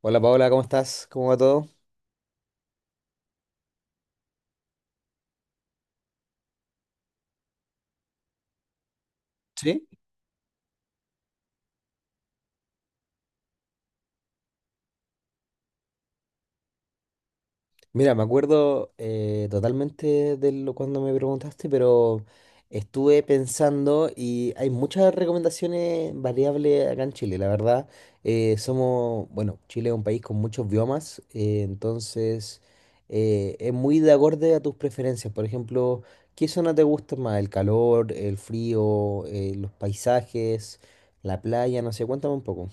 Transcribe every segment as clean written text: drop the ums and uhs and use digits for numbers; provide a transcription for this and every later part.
Hola Paola, ¿cómo estás? ¿Cómo va todo? Sí. Mira, me acuerdo totalmente de lo cuando me preguntaste, pero estuve pensando y hay muchas recomendaciones variables acá en Chile, la verdad. Somos, bueno, Chile es un país con muchos biomas, entonces es muy de acorde a tus preferencias. Por ejemplo, ¿qué zona te gusta más? ¿El calor, el frío, los paisajes, la playa? No sé, cuéntame un poco.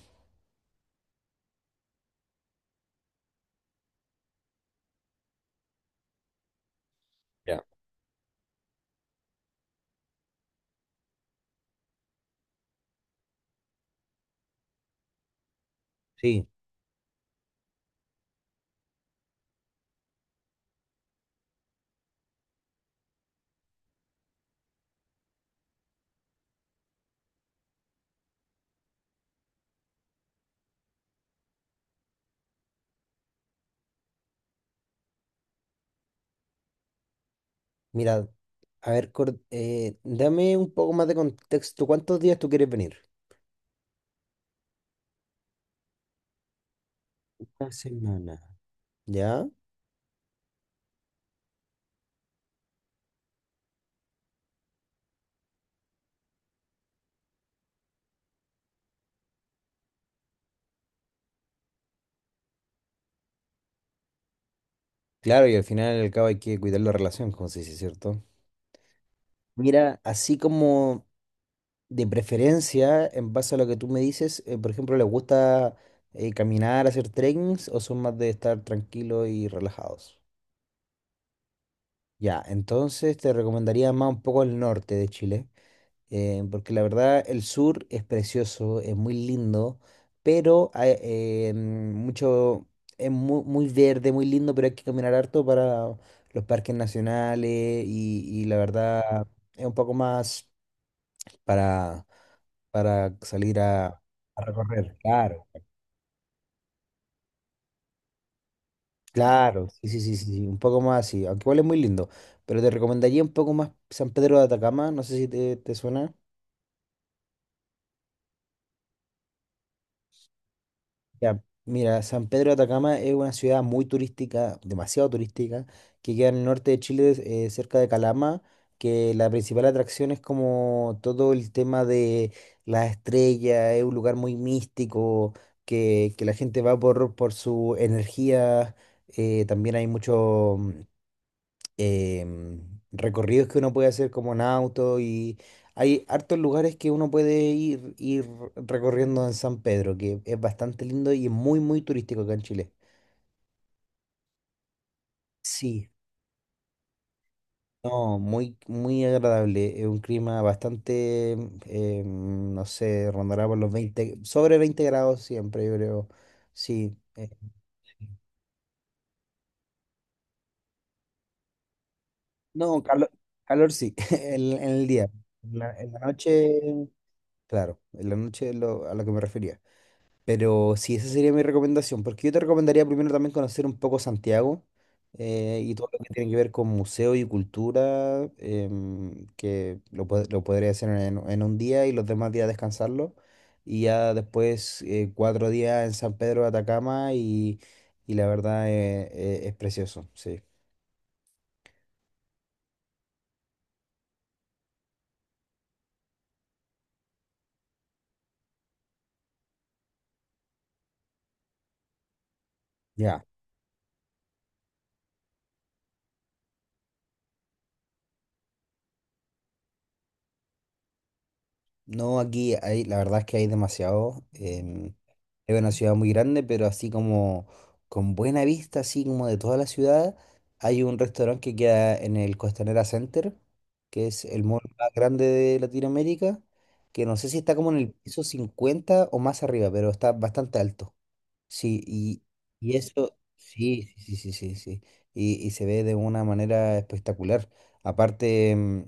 Sí. Mira, a ver, dame un poco más de contexto. ¿Cuántos días tú quieres venir? Una semana. ¿Ya? Claro, y al final y al cabo hay que cuidar la relación, como se dice, ¿cierto? Mira, así como de preferencia, en base a lo que tú me dices, por ejemplo, ¿les gusta caminar, hacer trekkings o son más de estar tranquilos y relajados? Ya, entonces te recomendaría más un poco el norte de Chile. Porque la verdad el sur es precioso, es muy lindo, pero es muy, muy verde, muy lindo, pero hay que caminar harto para los parques nacionales y la verdad es un poco más para, para salir a recorrer. Claro, claro, sí, sí, sí, sí, sí, un poco más así, aunque igual es muy lindo, pero te recomendaría un poco más San Pedro de Atacama, no sé si te suena. Ya, mira, San Pedro de Atacama es una ciudad muy turística, demasiado turística, que queda en el norte de Chile, cerca de Calama, que la principal atracción es como todo el tema de las estrellas, es un lugar muy místico, que la gente va por su energía, también hay mucho, em, recorridos que uno puede hacer como en auto y hay hartos lugares que uno puede ir recorriendo en San Pedro, que es bastante lindo y es muy, muy turístico acá en Chile. Sí, no, muy, muy agradable. Es un clima bastante, no sé, rondará por los 20 sobre 20 grados siempre, yo creo. Sí. No, calor sí, en el día. En la noche, claro, en la noche a lo que me refería. Pero sí, esa sería mi recomendación, porque yo te recomendaría primero también conocer un poco Santiago y todo lo que tiene que ver con museo y cultura, que lo podría hacer en un día y los demás días descansarlo. Y ya después 4 días en San Pedro de Atacama y la verdad es precioso, sí. Ya. No, aquí hay, la verdad es que hay demasiado. Es una ciudad muy grande, pero así como con buena vista, así como de toda la ciudad, hay un restaurante que queda en el Costanera Center, que es el mall más grande de Latinoamérica, que no sé si está como en el piso 50 o más arriba, pero está bastante alto. Sí, y, y eso, sí, sí, sí, sí, sí, sí. Y se ve de una manera espectacular. Aparte, mm,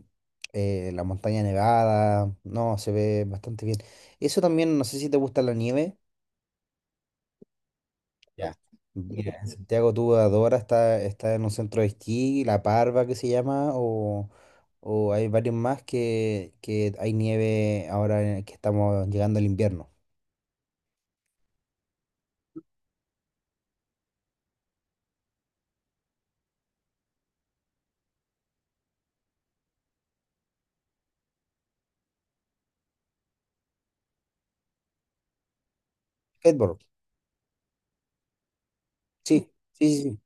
eh, la montaña nevada, no, se ve bastante bien. Eso también, no sé si te gusta la nieve. Ya. Mira, en Santiago tú adoras, está en un centro de esquí, La Parva que se llama, o hay varios más que hay nieve ahora que estamos llegando al invierno. Skateboard, sí, sí, sí, sí.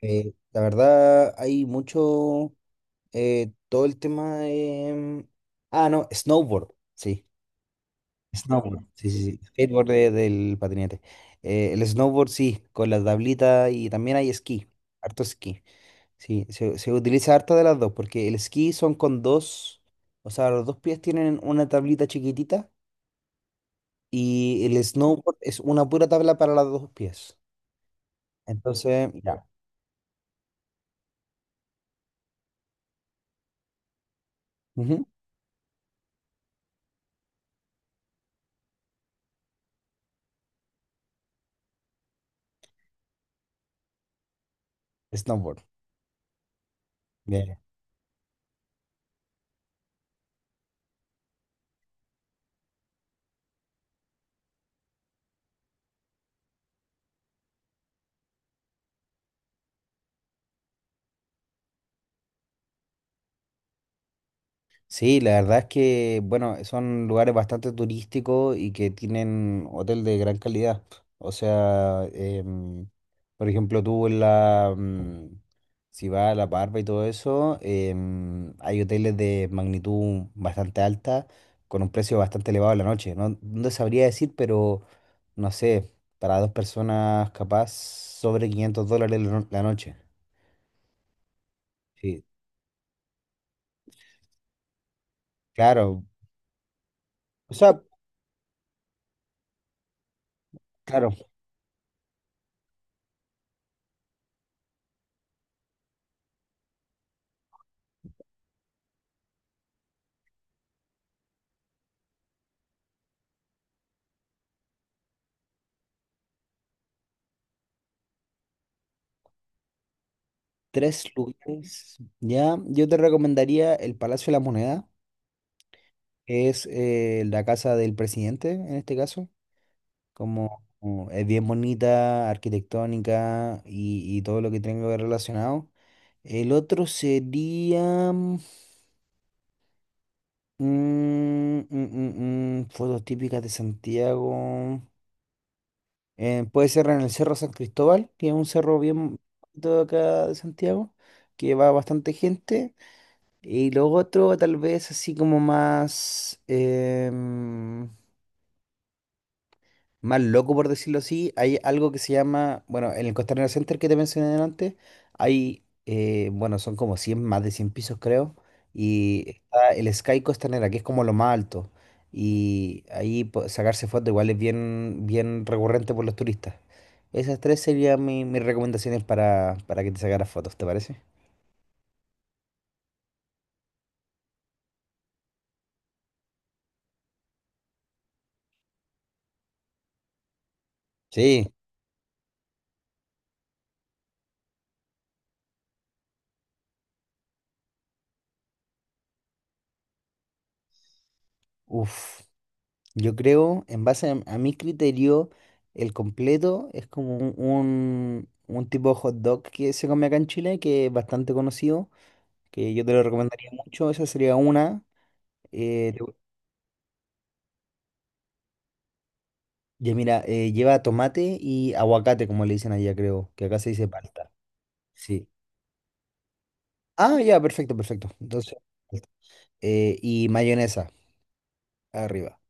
La verdad hay mucho, todo el tema de... Ah, no, snowboard, sí. Snowboard. Sí, sí, sí. Skateboard del patinete. El snowboard, sí, con la tablita y también hay esquí, harto esquí. Sí, se utiliza harto de las dos, porque el esquí son con dos, o sea, los dos pies tienen una tablita chiquitita y el snowboard es una pura tabla para los dos pies. Entonces, ya. Ujú. Snowboard. Bien. Sí, la verdad es que, bueno, son lugares bastante turísticos y que tienen hotel de gran calidad. O sea, por ejemplo, tú en la, mm, si vas a La Parva y todo eso, hay hoteles de magnitud bastante alta, con un precio bastante elevado en la noche. No, no sabría decir, pero no sé, para dos personas capaz sobre $500 la la noche. Sí, claro. O sea, claro. Tres lugares. Ya, yo te recomendaría el Palacio de la Moneda, que es la casa del presidente en este caso. Como, como es bien bonita, arquitectónica y todo lo que tenga que ver relacionado. El otro sería fotos típicas de Santiago. Puede ser en el Cerro San Cristóbal, que es un cerro bien bonito de acá de Santiago, que va bastante gente. Y lo otro, tal vez así como más, más loco, por decirlo así, hay algo que se llama, bueno, en el Costanera Center que te mencioné antes, bueno, son como 100 más de 100 pisos creo, y está el Sky Costanera, que es como lo más alto, y ahí sacarse fotos igual es bien, bien recurrente por los turistas. Esas tres serían mis recomendaciones para que te sacaras fotos, ¿te parece? Sí, uff. Yo creo, en base a mi criterio, el completo es como un tipo de hot dog que se come acá en Chile, que es bastante conocido, que yo te lo recomendaría mucho, esa sería una. Eh, te- ya mira, lleva tomate y aguacate, como le dicen allá, creo, que acá se dice palta. Sí. Ah, ya, perfecto, perfecto. Entonces, y mayonesa arriba.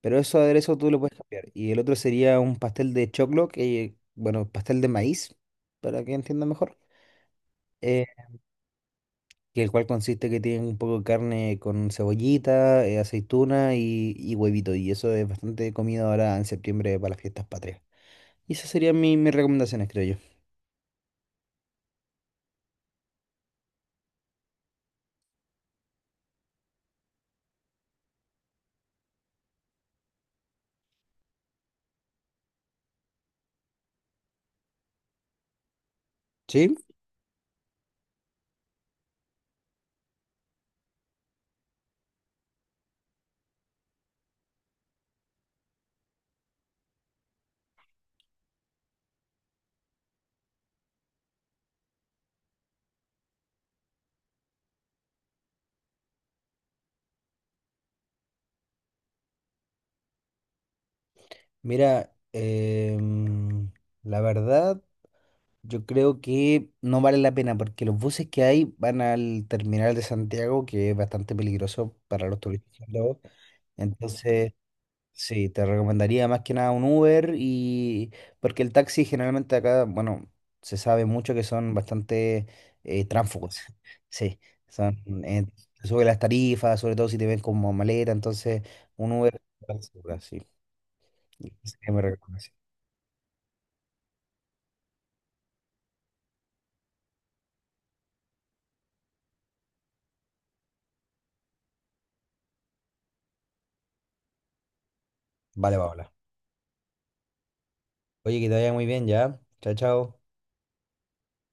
Pero eso aderezo tú lo puedes cambiar. Y el otro sería un pastel de choclo, que, bueno, pastel de maíz, para que entienda mejor eh, que el cual consiste que tiene un poco de carne con cebollita, aceituna y huevito. Y eso es bastante comida ahora en septiembre para las fiestas patrias. Y esas serían mis recomendaciones, creo yo. Sí, mira, la verdad, yo creo que no vale la pena porque los buses que hay van al terminal de Santiago, que es bastante peligroso para los turistas. Luego. Entonces, sí, te recomendaría más que nada un Uber y porque el taxi generalmente acá, bueno, se sabe mucho que son bastante tránsfugos. Sí, son, eh, te suben las tarifas, sobre todo si te ven como maleta, entonces un Uber, sí. Sí, me recomiendo, sí. Vale, Paola. Oye, que te vaya muy bien ya. Chao, chao.